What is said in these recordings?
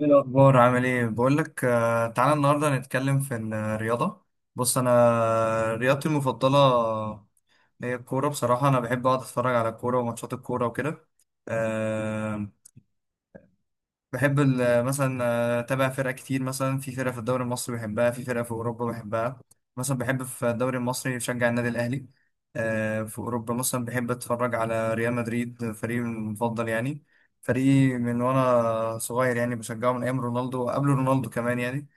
ايه الاخبار؟ عامل ايه؟ بقول لك، تعالى النهارده نتكلم في الرياضه. بص، انا رياضتي المفضله هي الكوره. بصراحه انا بحب اقعد اتفرج على الكوره وماتشات الكوره وكده. آه، بحب مثلا اتابع فرق كتير، مثلا في فرق في الدوري المصري بحبها، في فرق في اوروبا بحبها. مثلا بحب في الدوري المصري بشجع النادي الاهلي. في اوروبا مثلا بحب اتفرج على ريال مدريد، فريقي المفضل يعني. فريقي من وانا صغير يعني، بشجعه من ايام رونالدو وقبل رونالدو كمان يعني.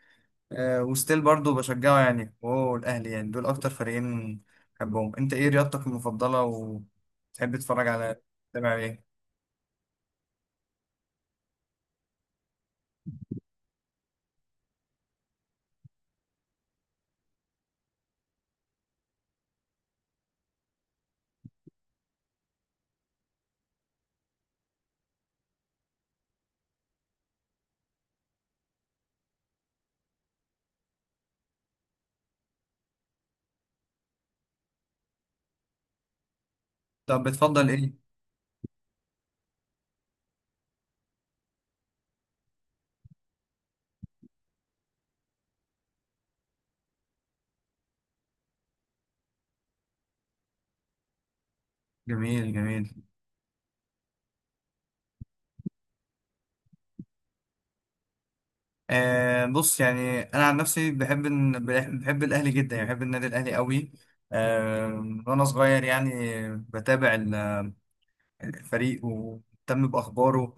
وستيل برضو بشجعه يعني، وهو الاهلي، يعني دول اكتر فريقين بحبهم. انت ايه رياضتك المفضلة؟ وتحب تتفرج على، تتابع ايه؟ طب بتفضل ايه؟ جميل، جميل. آه، بص، يعني انا عن نفسي بحب الاهلي جدا، يعني بحب النادي الاهلي قوي. آه، من وانا صغير يعني بتابع الفريق ومهتم باخباره.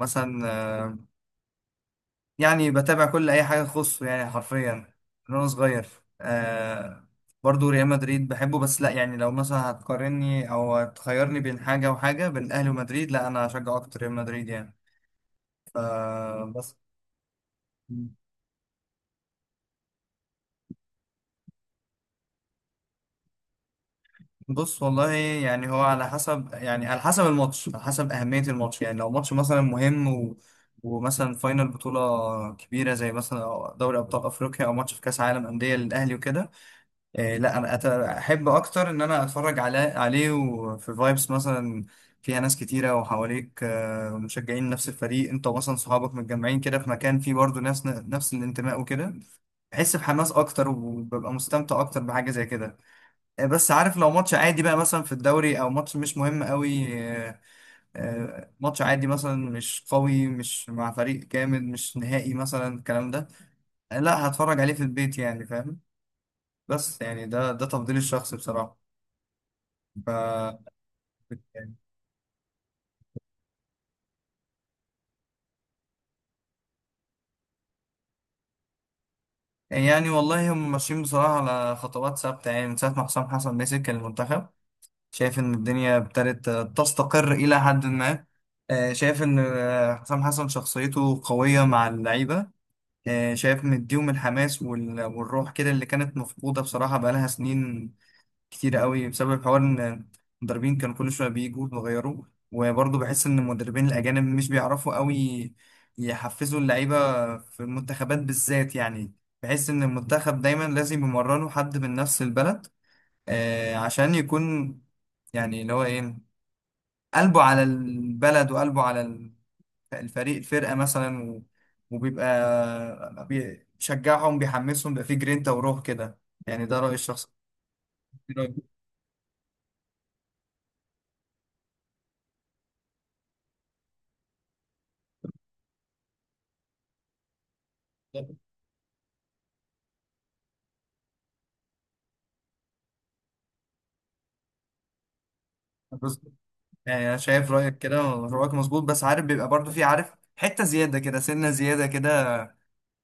مثلا، يعني بتابع كل اي حاجه تخصه، يعني حرفيا من وانا صغير. آه برضو ريال مدريد بحبه، بس لا، يعني لو مثلا هتقارني او هتخيرني بين حاجه وحاجه، بين الاهلي ومدريد، لا انا هشجع اكتر ريال مدريد يعني. فبس. بص، والله يعني هو على حسب، يعني على حسب الماتش، على حسب أهمية الماتش، يعني لو ماتش مثلا مهم ومثلا فاينل بطولة كبيرة زي مثلا دوري أبطال أفريقيا أو ماتش في كأس عالم أندية للأهلي وكده. إيه لا، أنا أحب أكتر إن أنا أتفرج عليه وفي فايبس مثلا فيها ناس كتيرة، وحواليك مشجعين نفس الفريق، أنت مثلا صحابك متجمعين كده في مكان فيه برضه ناس نفس الانتماء وكده. بحس بحماس أكتر وببقى مستمتع أكتر بحاجة زي كده. بس عارف لو ماتش عادي بقى مثلا في الدوري او ماتش مش مهم قوي، ماتش عادي مثلا مش قوي، مش مع فريق جامد، مش نهائي مثلا، الكلام ده، لا هتفرج عليه في البيت يعني، فاهم. بس يعني ده تفضيلي الشخصي بصراحة. ف يعني والله هم ماشيين بصراحة على خطوات ثابتة، يعني من ساعة ما حسام حسن مسك المنتخب، شايف إن الدنيا ابتدت تستقر إلى حد ما. شايف إن حسام حسن شخصيته قوية مع اللعيبة. شايف مديهم الحماس والروح كده اللي كانت مفقودة بصراحة بقالها سنين كتيرة قوي، بسبب حوار إن المدربين كانوا كل شوية بيجوا ويغيروا. وبرضه بحس إن المدربين الأجانب مش بيعرفوا قوي يحفزوا اللعيبة في المنتخبات بالذات يعني. بحس إن المنتخب دايما لازم يمرنوا حد من نفس البلد، عشان يكون، يعني اللي هو إيه، قلبه على البلد وقلبه على الفرقة مثلا وبيبقى بيشجعهم بيحمسهم بيبقى فيه جرينتا وروح كده، يعني ده رأيي الشخصي. إيه رأيك؟ بص- يعني أنا شايف رأيك كده، ورأيك مظبوط. بس عارف بيبقى برضو فيه، عارف، حتة زيادة كده، سنة زيادة كده،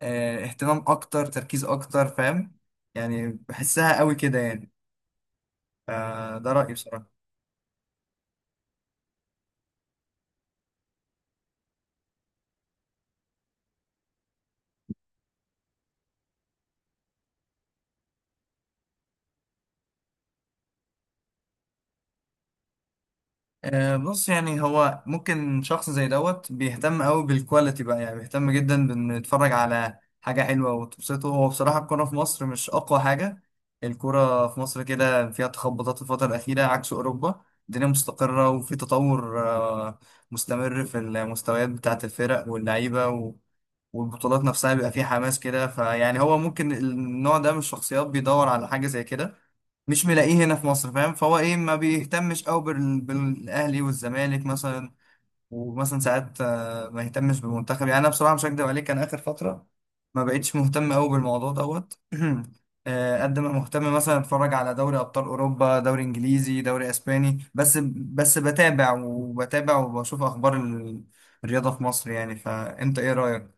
اهتمام أكتر، تركيز أكتر، فاهم. يعني بحسها قوي كده يعني. فده رأيي بصراحة. بص يعني هو ممكن شخص زي دوت بيهتم قوي بالكواليتي بقى، يعني بيهتم جدا بان يتفرج على حاجة حلوة وتبسطه. هو بصراحة الكورة في مصر مش أقوى حاجة. الكورة في مصر كده فيها تخبطات الفترة الأخيرة، عكس أوروبا الدنيا مستقرة وفي تطور مستمر في المستويات بتاعة الفرق واللعيبة والبطولات نفسها بيبقى فيها حماس كده. فيعني هو ممكن النوع ده من الشخصيات بيدور على حاجة زي كده، مش ملاقيه هنا في مصر، فاهم. فهو ايه، ما بيهتمش قوي بالاهلي والزمالك مثلا، ومثلا ساعات ما يهتمش بالمنتخب يعني. انا بصراحه مش هكدب عليك، انا اخر فتره ما بقتش مهتم قوي بالموضوع دوت. قد ما مهتم مثلا اتفرج على دوري ابطال اوروبا، دوري انجليزي، دوري اسباني بس. بس بتابع وبشوف اخبار الرياضه في مصر يعني. فانت ايه رايك؟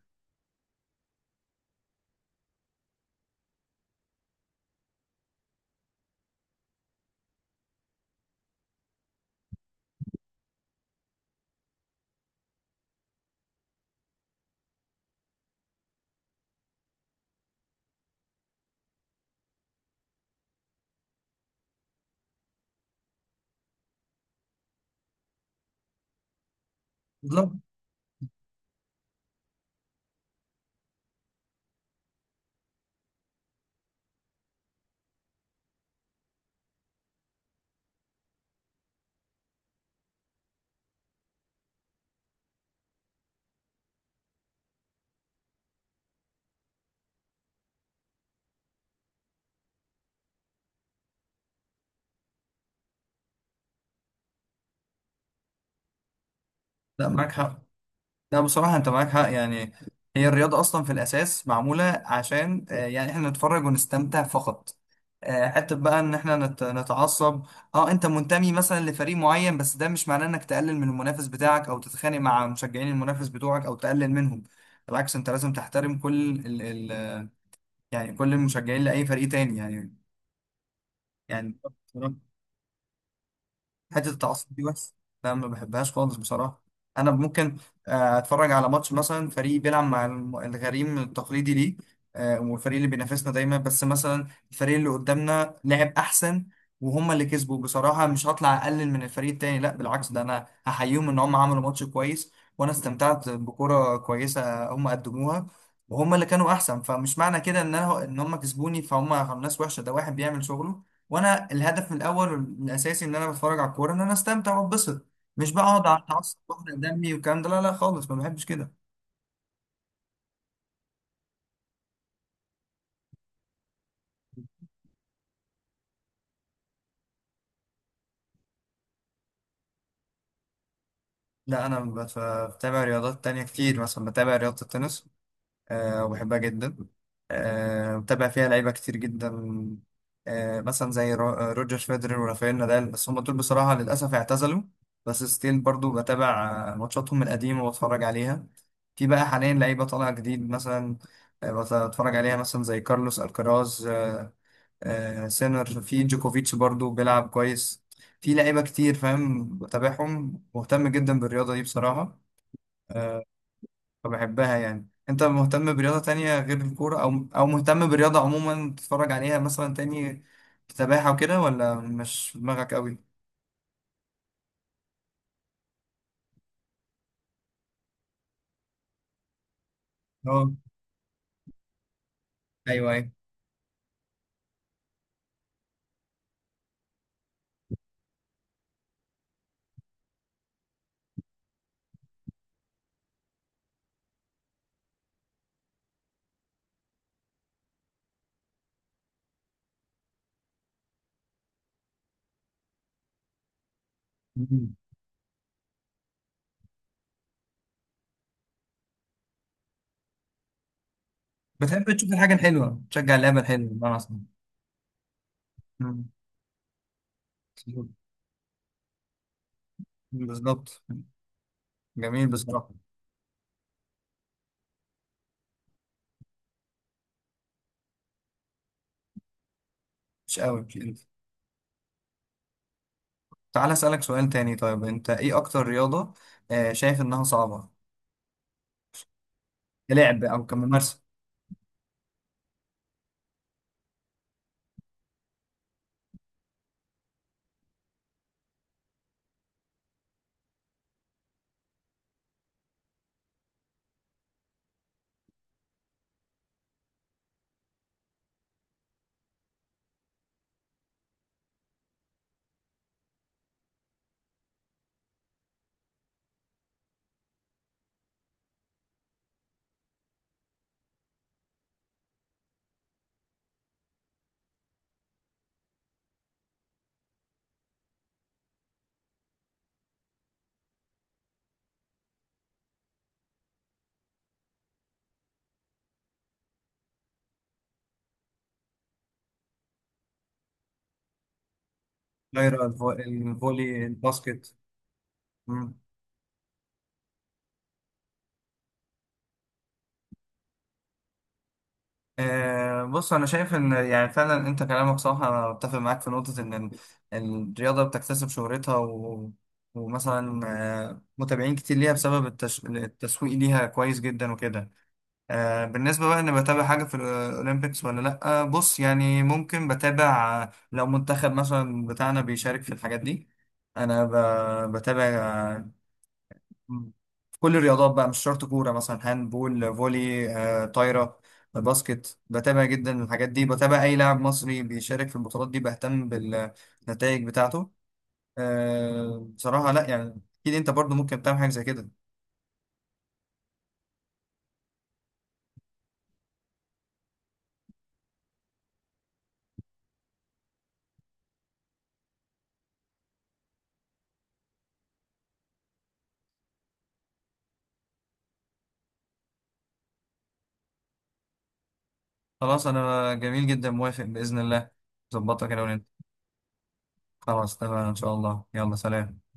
بالظبط. لا معاك حق. لا بصراحة أنت معاك حق يعني. هي الرياضة أصلا في الأساس معمولة عشان يعني إحنا نتفرج ونستمتع فقط. حتة بقى إن إحنا نتعصب، أنت منتمي مثلا لفريق معين، بس ده مش معناه إنك تقلل من المنافس بتاعك أو تتخانق مع مشجعين المنافس بتوعك أو تقلل منهم. بالعكس أنت لازم تحترم كل ال ال يعني كل المشجعين لأي فريق تاني، يعني. حته التعصب دي بس، لا ما بحبهاش خالص بصراحه. انا ممكن اتفرج على ماتش مثلا فريق بيلعب مع الغريم التقليدي ليه، والفريق اللي بينافسنا دايما، بس مثلا الفريق اللي قدامنا لعب احسن وهم اللي كسبوا، بصراحه مش هطلع اقلل من الفريق التاني، لا بالعكس، ده انا هحييهم ان هم عملوا ماتش كويس وانا استمتعت بكره كويسه هم قدموها، وهم اللي كانوا احسن. فمش معنى كده ان هم كسبوني فهم ناس وحشه، ده واحد بيعمل شغله. وانا الهدف الاول الاساسي ان انا بتفرج على الكوره، ان انا استمتع واتبسط، مش بقى اقعد على اتعصب واحرق دمي والكلام ده. لا، لا خالص ما بحبش كده. لا انا بتابع رياضات تانية كتير، مثلا بتابع رياضه التنس. وبحبها جدا. متابع فيها لعيبة كتير جدا. مثلا زي روجر فيدرر ورافائيل نادال، بس هم دول بصراحة للأسف اعتزلوا. بس ستيل برضو بتابع ماتشاتهم القديمة واتفرج عليها. في بقى حاليا لعيبة طالعة جديد مثلا، بتفرج عليها مثلا زي كارلوس الكراز. سينر، في جوكوفيتش برضو بيلعب كويس. في لعيبة كتير فاهم، بتابعهم مهتم جدا بالرياضة دي بصراحة. آه، فبحبها يعني. انت مهتم برياضة تانية غير الكورة، او مهتم برياضة عموما تتفرج عليها مثلا تاني، سباحة وكده، ولا مش في دماغك قوي؟ اه، ايوه، ايوه. مم. بتحب تشوف الحاجة الحلوة، تشجع اللعبة الحلوة بمعنى، اصلا. بالظبط. جميل بصراحة. مش قوي، مش قوي. تعال اسألك سؤال تاني. طيب انت ايه اكتر رياضة شايف انها صعبة، كلعب او كممارسة؟ غير الفولي، الباسكت. مم. بص انا شايف ان يعني فعلا انت كلامك صح، انا بتفق معاك في نقطه ان الرياضه بتكتسب شهرتها، ومثلا متابعين كتير ليها بسبب التسويق ليها كويس جدا وكده. بالنسبه بقى ان بتابع حاجه في الاولمبيكس ولا لا، بص يعني ممكن بتابع لو منتخب مثلا بتاعنا بيشارك في الحاجات دي، انا بتابع. مم. في كل الرياضات بقى، مش شرط كورة، مثلا هاند بول، فولي طايرة، باسكت. بتابع جدا الحاجات دي، بتابع أي لاعب مصري بيشارك في البطولات دي، بهتم بالنتائج بتاعته. بصراحة، لا يعني أكيد أنت برضو ممكن تعمل حاجة زي كده. خلاص أنا جميل جدا، موافق بإذن الله. ظبطها كده وننزل. خلاص تمام، إن شاء الله. يلا سلام.